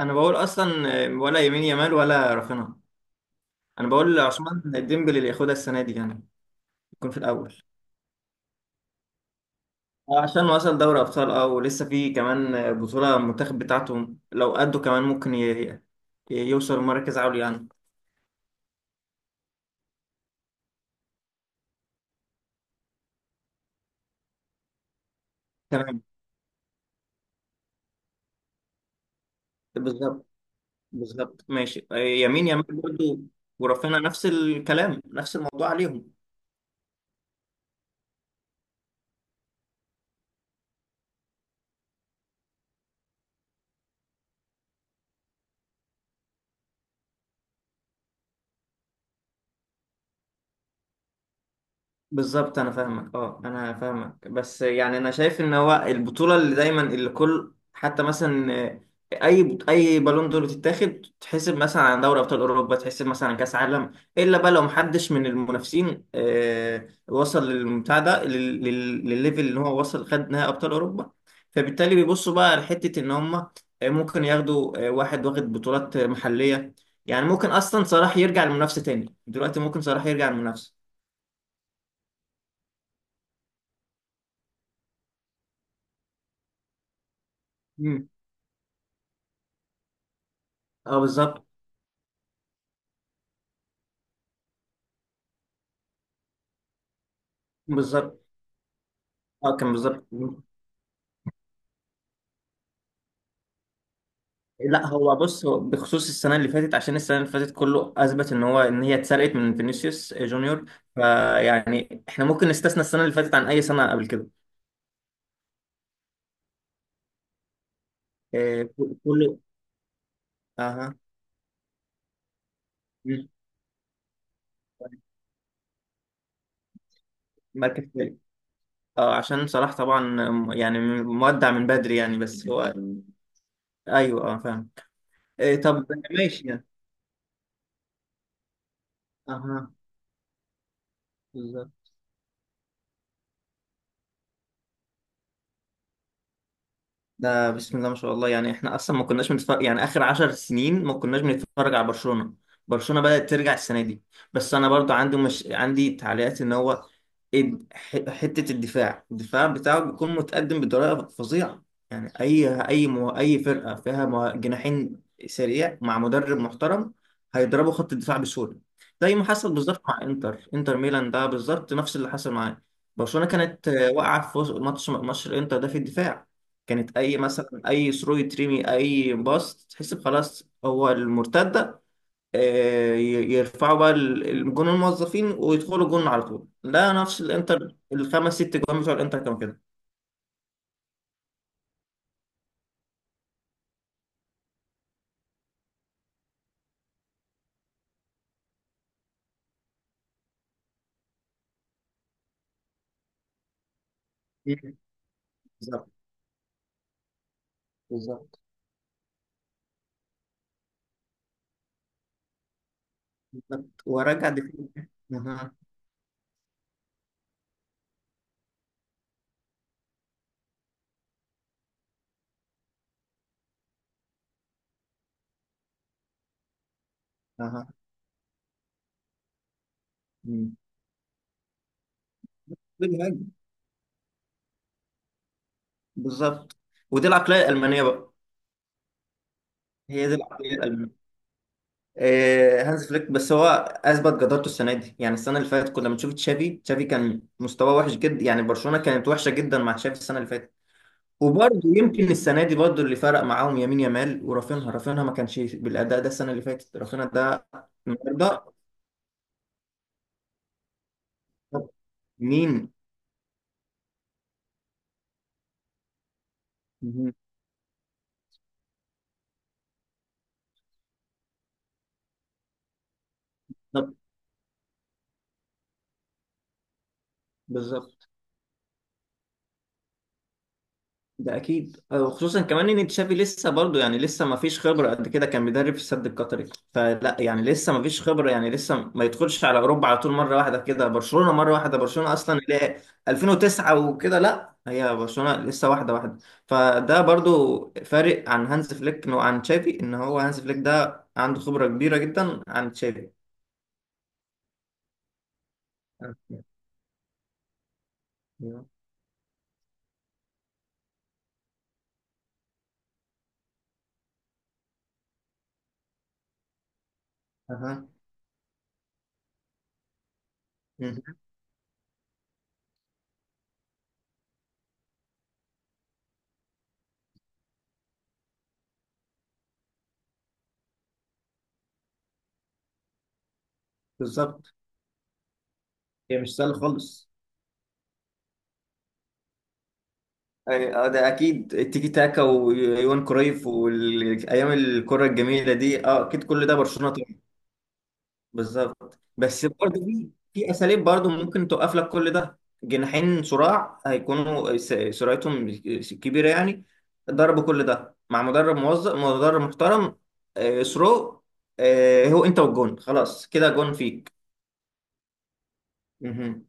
انا بقول اصلا ولا يمين يامال ولا رافينها. انا بقول عثمان ديمبلي اللي ياخدها السنه دي يعني يكون في الاول عشان وصل دوري ابطال، اه، ولسه في كمان بطوله المنتخب بتاعته لو قده كمان ممكن يوصل مركز عالي يعني. تمام. بالظبط، بالظبط، ماشي يمين يامال برضه، ورافينها نفس الكلام، نفس الموضوع عليهم. بالظبط، انا فاهمك بس يعني انا شايف ان هو البطوله اللي دايما اللي كل حتى مثلا، اي بالون دور بتتاخد، تحسب مثلا عن دوري ابطال اوروبا، تحسب مثلا عن كاس عالم، الا بقى لو محدش من المنافسين، وصل للمتاع ده للليفل اللي هو وصل، خد نهائي ابطال اوروبا. فبالتالي بيبصوا بقى لحته ان هم، ممكن ياخدوا، واحد واخد بطولات، محليه. يعني ممكن اصلا صلاح يرجع للمنافسه تاني دلوقتي، ممكن صلاح يرجع للمنافسه. اه، بالظبط. بالظبط، اه، كان بالظبط. لا هو بص، هو بخصوص السنه اللي فاتت، عشان السنه اللي فاتت كله اثبت ان هي اتسرقت من فينيسيوس جونيور. فيعني احنا ممكن نستثنى السنه اللي فاتت عن اي سنه قبل كده. آه، كله. اها. مم. مركز ثالث. اه، عشان صلاح طبعا يعني مودع من بدري يعني، بس هو. ايوه، فاهم. طب ماشي يعني. اها. بالظبط. ده بسم الله ما شاء الله، يعني احنا اصلا ما كناش بنتفرج يعني اخر 10 سنين، ما كناش بنتفرج على برشلونة. برشلونة بدأت ترجع السنة دي. بس انا برضو مش عندي تعليقات ان هو حتة الدفاع بتاعه بيكون متقدم بطريقة فظيعة. يعني اي فرقة فيها جناحين سريع مع مدرب محترم هيضربوا خط الدفاع بسهولة. زي ما حصل بالظبط مع انتر ميلان، ده بالظبط نفس اللي حصل معاه. برشلونة كانت، واقعة في ماتش الانتر ده في الدفاع. كانت اي مثلا اي ثرو يترمي، اي باص، تحس خلاص هو المرتده. يرفعوا بقى الجون الموظفين ويدخلوا جون على طول، لا نفس الانتر، الخمس ست جوان بتوع الانتر كانوا كده. مم. بالظبط. بالظبط، بالظبط، ورجع دفاع. اها. اها. مم. بيهاجم. بالظبط. ودي العقليه الالمانيه بقى. هي دي العقليه الالمانيه. هانز فليك بس هو اثبت جدارته السنه دي. يعني السنه اللي فاتت كنا بنشوف تشافي كان مستواه وحش جدا، يعني برشلونه كانت وحشه جدا مع تشافي السنه اللي فاتت. وبرضه يمكن السنه دي برضه اللي فرق معاهم يمين يامال ورافينها، رافينها ما كانش بالاداء ده السنه اللي فاتت، رافينها ده النهارده. مين؟ مهم. بالظبط. ده اكيد، خصوصا كمان ان تشافي لسه برضه، يعني لسه ما فيش خبره قد كده، كان بيدرب في السد القطري. فلا يعني لسه ما فيش خبره، يعني لسه ما يدخلش على اوروبا على طول مره واحده كده، برشلونه مره واحده، برشلونه اصلا اللي هي 2009 وكده، لا، هي برشلونه لسه واحده واحده. فده برضه فارق عن هانز فليك وعن تشافي، ان هو هانز فليك ده عنده خبره كبيره جدا عن تشافي. اها. أها. بالظبط. هي مش سهل خالص. ده اكيد، التيكي تاكا ويوان كرويف والايام الكره الجميله دي، اكيد كل ده برشلونه طبعا. بالظبط، بس برضه في اساليب برضه ممكن توقف لك كل ده. جناحين صراع، هيكونوا سرعتهم كبيره يعني، ضربوا كل ده مع مدرب موظف، مدرب محترم، سرو، هو انت والجون خلاص كده، جون فيك. مهم.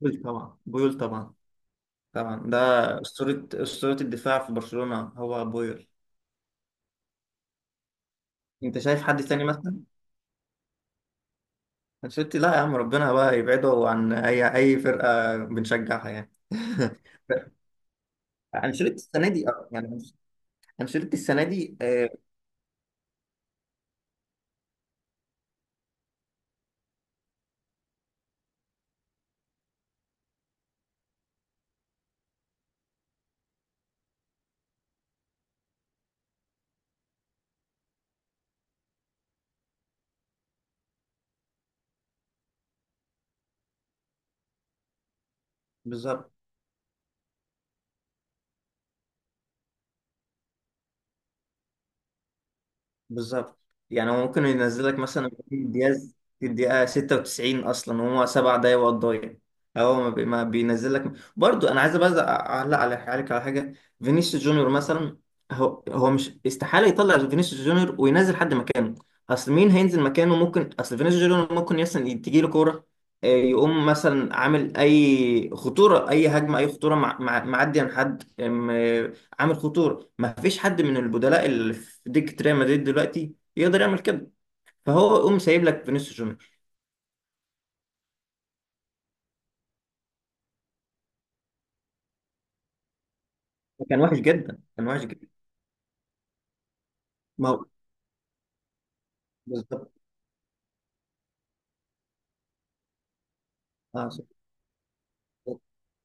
بويل طبعا، بويل طبعا، طبعا ده اسطوره، اسطوره الدفاع في برشلونه هو بويل. انت شايف حد تاني مثلا؟ انشيلوتي؟ لا يا عم، ربنا بقى يبعده عن اي فرقه بنشجعها يعني. انشيلوتي السنه دي، يعني انشيلوتي السنه دي. بالظبط، بالظبط. يعني هو ممكن ينزلك مثلا إبراهيم دياز في الدقيقة 96 أصلا وهو 7 دقايق وقت ضايع. هو ما بينزلك برضو. أنا عايز بس أعلق عليك على حاجة. فينيسيوس جونيور مثلا، هو مش استحالة يطلع فينيسيوس جونيور وينزل حد مكانه. أصل مين هينزل مكانه؟ ممكن أصل فينيسيوس جونيور ممكن مثلا تجي له كورة، يقوم مثلا عامل أي خطورة، أي هجمة، أي خطورة معدي عن حد، عامل خطوره. ما فيش حد من البدلاء اللي في دكه ريال مدريد دلوقتي يقدر يعمل كده، فهو يقوم سايب لك فينيسيوس جونيور. كان وحش جدا، كان وحش جدا. ما هو بالظبط. صح.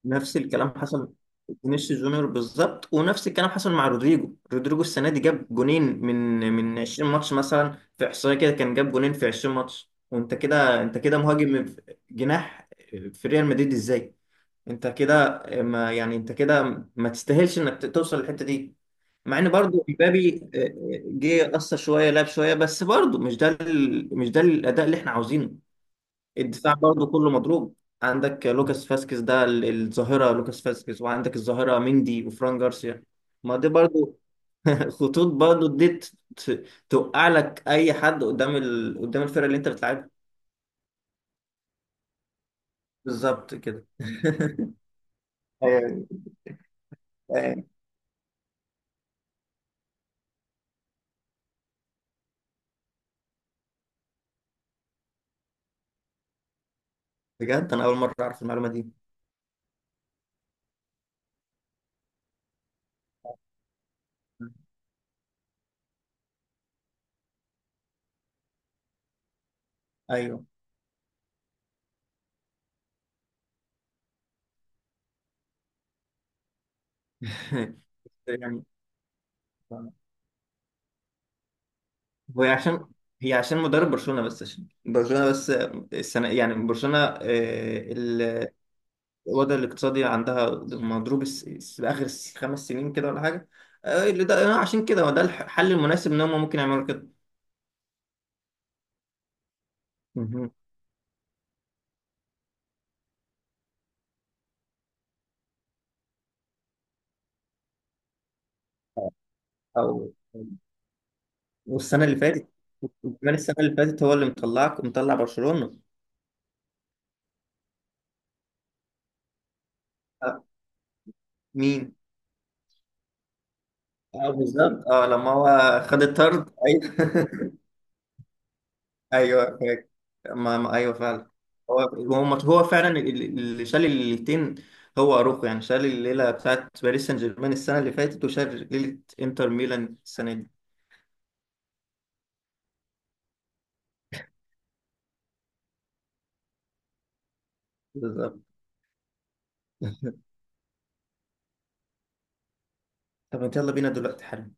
نفس الكلام حصل، فينيسيوس جونيور بالظبط. ونفس الكلام حصل مع رودريجو. رودريجو السنه دي جاب جونين، من 20 ماتش مثلا، في احصائيه كده كان جاب جونين في 20 ماتش. وانت كده، انت كده مهاجم، جناح، في ريال مدريد ازاي؟ انت كده ما يعني، انت كده ما تستاهلش انك توصل للحته دي. مع ان برضو امبابي جه قصر شويه، لعب شويه، بس برضو مش ده مش ده الاداء اللي احنا عاوزينه. الدفاع برضو كله مضروب، عندك لوكاس فاسكيز ده الظاهره لوكاس فاسكيز، وعندك الظاهره مندي وفران جارسيا. ما دي برضو خطوط برضو دي توقع لك اي حد قدام، قدام الفرقه اللي انت بتلعبها بالظبط كده. أيوة. أيوة. بجد انا اول مره اعرف المعلومه دي. ايوه. يعني هو عشان هي عشان مدرب برشلونه بس، عشان برشلونه بس السنه يعني، برشلونه ال- الوضع الاقتصادي عندها مضروب اخر 5 سنين كده ولا حاجه، اللي ده عشان كده هو ده الحل المناسب ان هم ممكن يعملوا كده. مهم. او. والسنه اللي فاتت، وكمان السنه اللي فاتت هو اللي مطلع برشلونه. آه، مين؟ اه بالظبط، اه لما هو خد الطرد. ايوه. ايوه فاكر. ايوه فعلا. هو فعلا، اللي شال الليلتين، هو اروخو يعني، شال الليله بتاعت باريس سان جيرمان السنه اللي فاتت، وشال ليله انتر ميلان السنه دي. بالظبط. طب انت يلا بينا دلوقتي حالا.